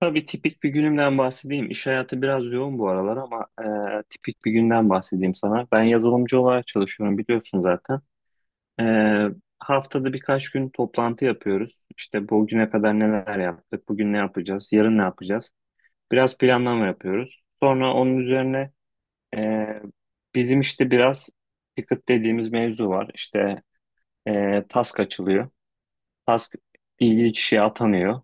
Tabii tipik bir günümden bahsedeyim. İş hayatı biraz yoğun bu aralar ama tipik bir günden bahsedeyim sana. Ben yazılımcı olarak çalışıyorum biliyorsun zaten. E, Haftada birkaç gün toplantı yapıyoruz. İşte bugüne kadar neler yaptık, bugün ne yapacağız, yarın ne yapacağız. Biraz planlama yapıyoruz. Sonra onun üzerine e, bizim işte biraz ticket dediğimiz mevzu var. İşte task açılıyor. Task ilgili kişiye atanıyor.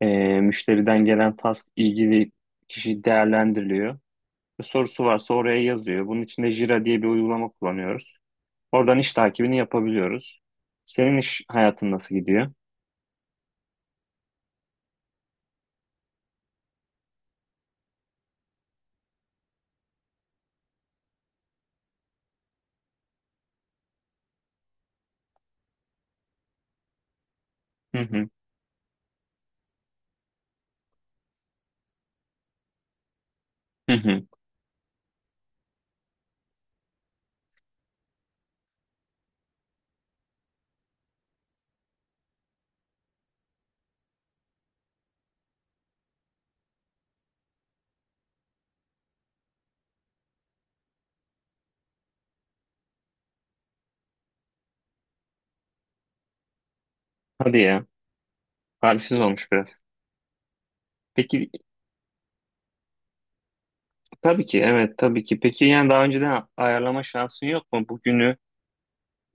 E, Müşteriden gelen task ilgili kişi değerlendiriliyor. Ve sorusu varsa oraya yazıyor. Bunun için de Jira diye bir uygulama kullanıyoruz. Oradan iş takibini yapabiliyoruz. Senin iş hayatın nasıl gidiyor? Hı hı, hı hı. Hadi ya. Halsiz olmuş biraz. Peki, tabii ki, evet tabii ki. Peki yani daha önceden ayarlama şansın yok mu? Bugünü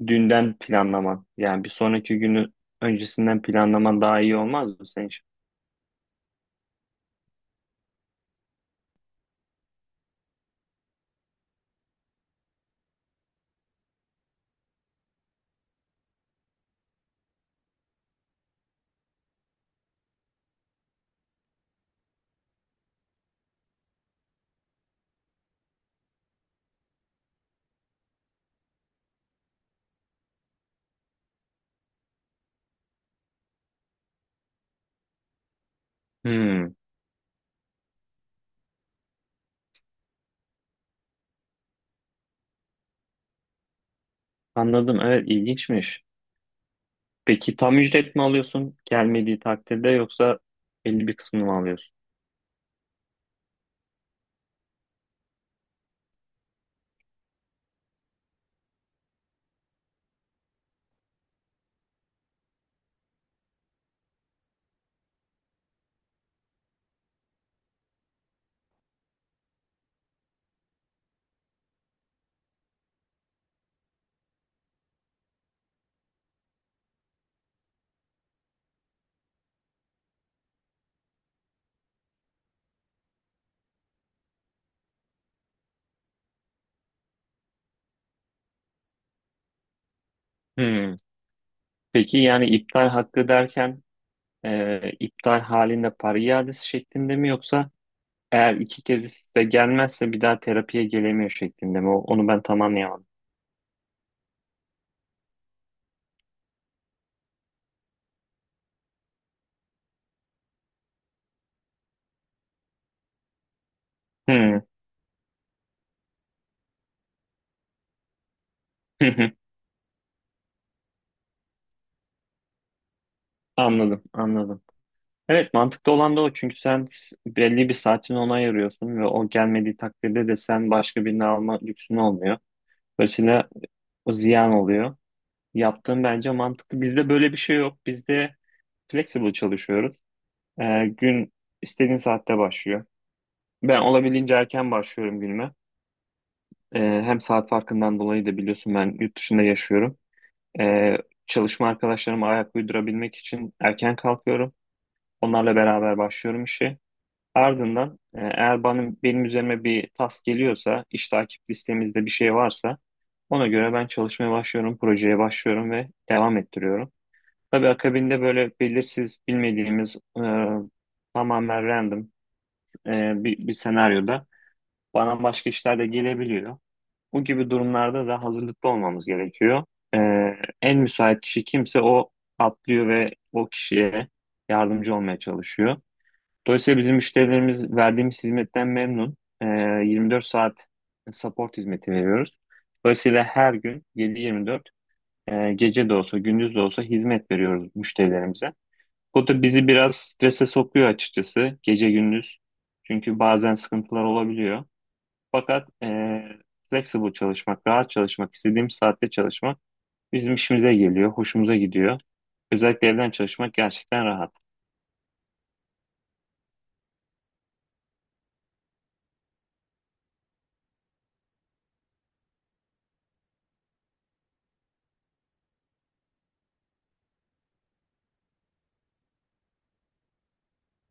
dünden planlaman. Yani bir sonraki günü öncesinden planlaman daha iyi olmaz mı senin için? Hmm, anladım. Evet, ilginçmiş. Peki tam ücret mi alıyorsun gelmediği takdirde yoksa belli bir kısmını mı alıyorsun? Hmm. Peki yani iptal hakkı derken iptal halinde para iadesi şeklinde mi yoksa eğer iki kez de gelmezse bir daha terapiye gelemiyor şeklinde mi? Onu ben tam anlayamadım. Hmm. Anladım, anladım. Evet, mantıklı olan da o, çünkü sen belli bir saatini ona ayırıyorsun ve o gelmediği takdirde de sen başka birini alma lüksün olmuyor. Dolayısıyla o ziyan oluyor. Yaptığım bence mantıklı. Bizde böyle bir şey yok. Bizde flexible çalışıyoruz. Gün istediğin saatte başlıyor. Ben olabildiğince erken başlıyorum günüme. Hem saat farkından dolayı da biliyorsun, ben yurt dışında yaşıyorum. Ee, Çalışma arkadaşlarıma ayak uydurabilmek için erken kalkıyorum. Onlarla beraber başlıyorum işe. Ardından eğer benim üzerime bir task geliyorsa, iş takip listemizde bir şey varsa ona göre ben çalışmaya başlıyorum, projeye başlıyorum ve devam ettiriyorum. Tabii akabinde böyle belirsiz, bilmediğimiz, tamamen random bir senaryoda bana başka işler de gelebiliyor. Bu gibi durumlarda da hazırlıklı olmamız gerekiyor. E, En müsait kişi kimse o atlıyor ve o kişiye yardımcı olmaya çalışıyor. Dolayısıyla bizim müşterilerimiz verdiğimiz hizmetten memnun. E, 24 saat support hizmeti veriyoruz. Dolayısıyla her gün 7-24, gece de olsa gündüz de olsa hizmet veriyoruz müşterilerimize. O da bizi biraz strese sokuyor açıkçası, gece gündüz. Çünkü bazen sıkıntılar olabiliyor. Fakat flexible çalışmak, rahat çalışmak, istediğim saatte çalışmak bizim işimize geliyor, hoşumuza gidiyor. Özellikle evden çalışmak gerçekten rahat.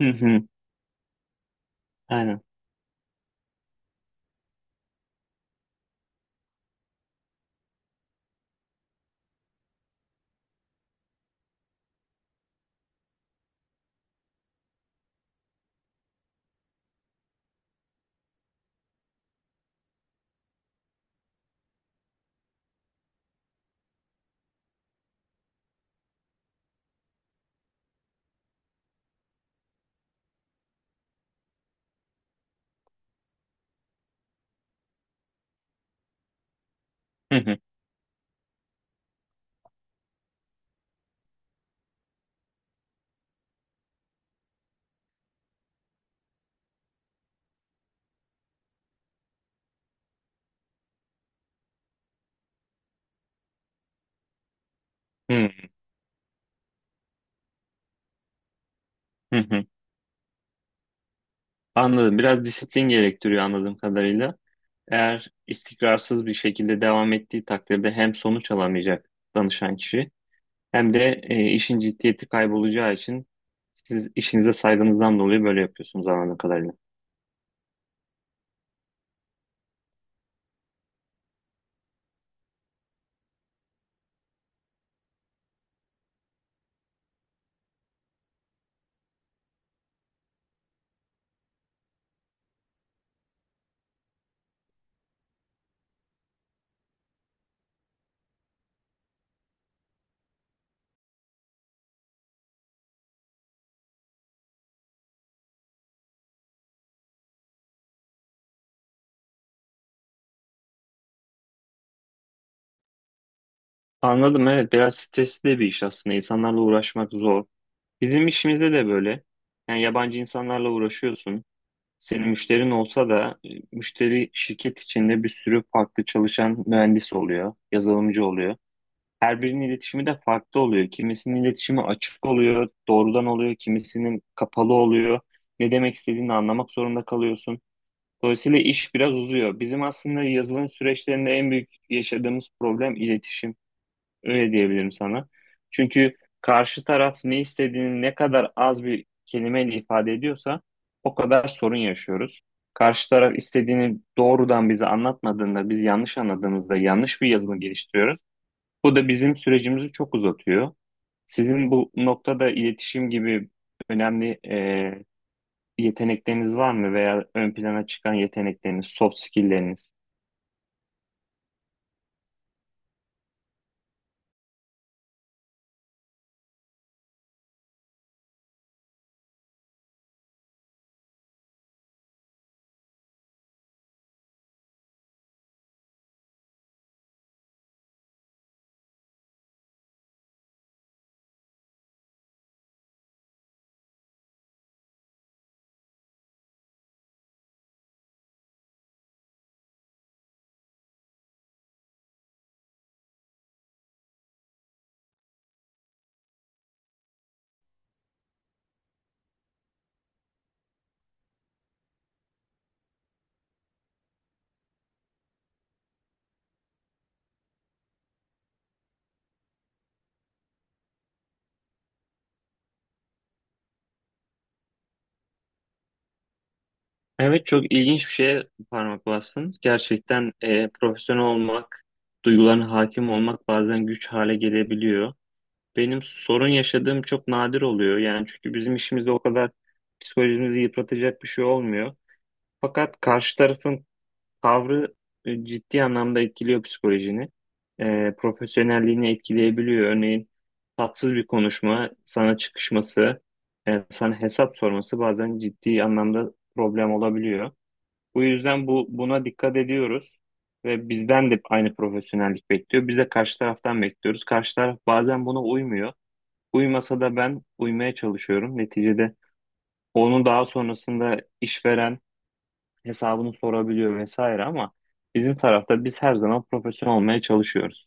Hı hı, aynen. Hı hı, hı hı, hı. Anladım. Biraz disiplin gerektiriyor anladığım kadarıyla. Eğer istikrarsız bir şekilde devam ettiği takdirde hem sonuç alamayacak danışan kişi, hem de işin ciddiyeti kaybolacağı için siz işinize saygınızdan dolayı böyle yapıyorsunuz anladığım kadarıyla. Anladım, evet biraz stresli de bir iş aslında. İnsanlarla uğraşmak zor. Bizim işimizde de böyle. Yani yabancı insanlarla uğraşıyorsun. Senin müşterin olsa da müşteri şirket içinde bir sürü farklı çalışan mühendis oluyor, yazılımcı oluyor. Her birinin iletişimi de farklı oluyor. Kimisinin iletişimi açık oluyor, doğrudan oluyor, kimisinin kapalı oluyor. Ne demek istediğini anlamak zorunda kalıyorsun. Dolayısıyla iş biraz uzuyor. Bizim aslında yazılım süreçlerinde en büyük yaşadığımız problem iletişim. Öyle diyebilirim sana. Çünkü karşı taraf ne istediğini ne kadar az bir kelimeyle ifade ediyorsa o kadar sorun yaşıyoruz. Karşı taraf istediğini doğrudan bize anlatmadığında, biz yanlış anladığımızda yanlış bir yazılım geliştiriyoruz. Bu da bizim sürecimizi çok uzatıyor. Sizin bu noktada iletişim gibi önemli yetenekleriniz var mı, veya ön plana çıkan yetenekleriniz, soft skill'leriniz? Evet, çok ilginç bir şeye parmak bastın. Gerçekten profesyonel olmak, duygularına hakim olmak bazen güç hale gelebiliyor. Benim sorun yaşadığım çok nadir oluyor. Yani çünkü bizim işimizde o kadar psikolojimizi yıpratacak bir şey olmuyor. Fakat karşı tarafın tavrı ciddi anlamda etkiliyor psikolojini. Profesyonelliğini etkileyebiliyor. Örneğin tatsız bir konuşma, sana çıkışması, sana hesap sorması bazen ciddi anlamda problem olabiliyor. Bu yüzden buna dikkat ediyoruz ve bizden de aynı profesyonellik bekliyor. Biz de karşı taraftan bekliyoruz. Karşı taraf bazen buna uymuyor. Uymasa da ben uymaya çalışıyorum. Neticede onu daha sonrasında işveren hesabını sorabiliyor vesaire, ama bizim tarafta biz her zaman profesyonel olmaya çalışıyoruz.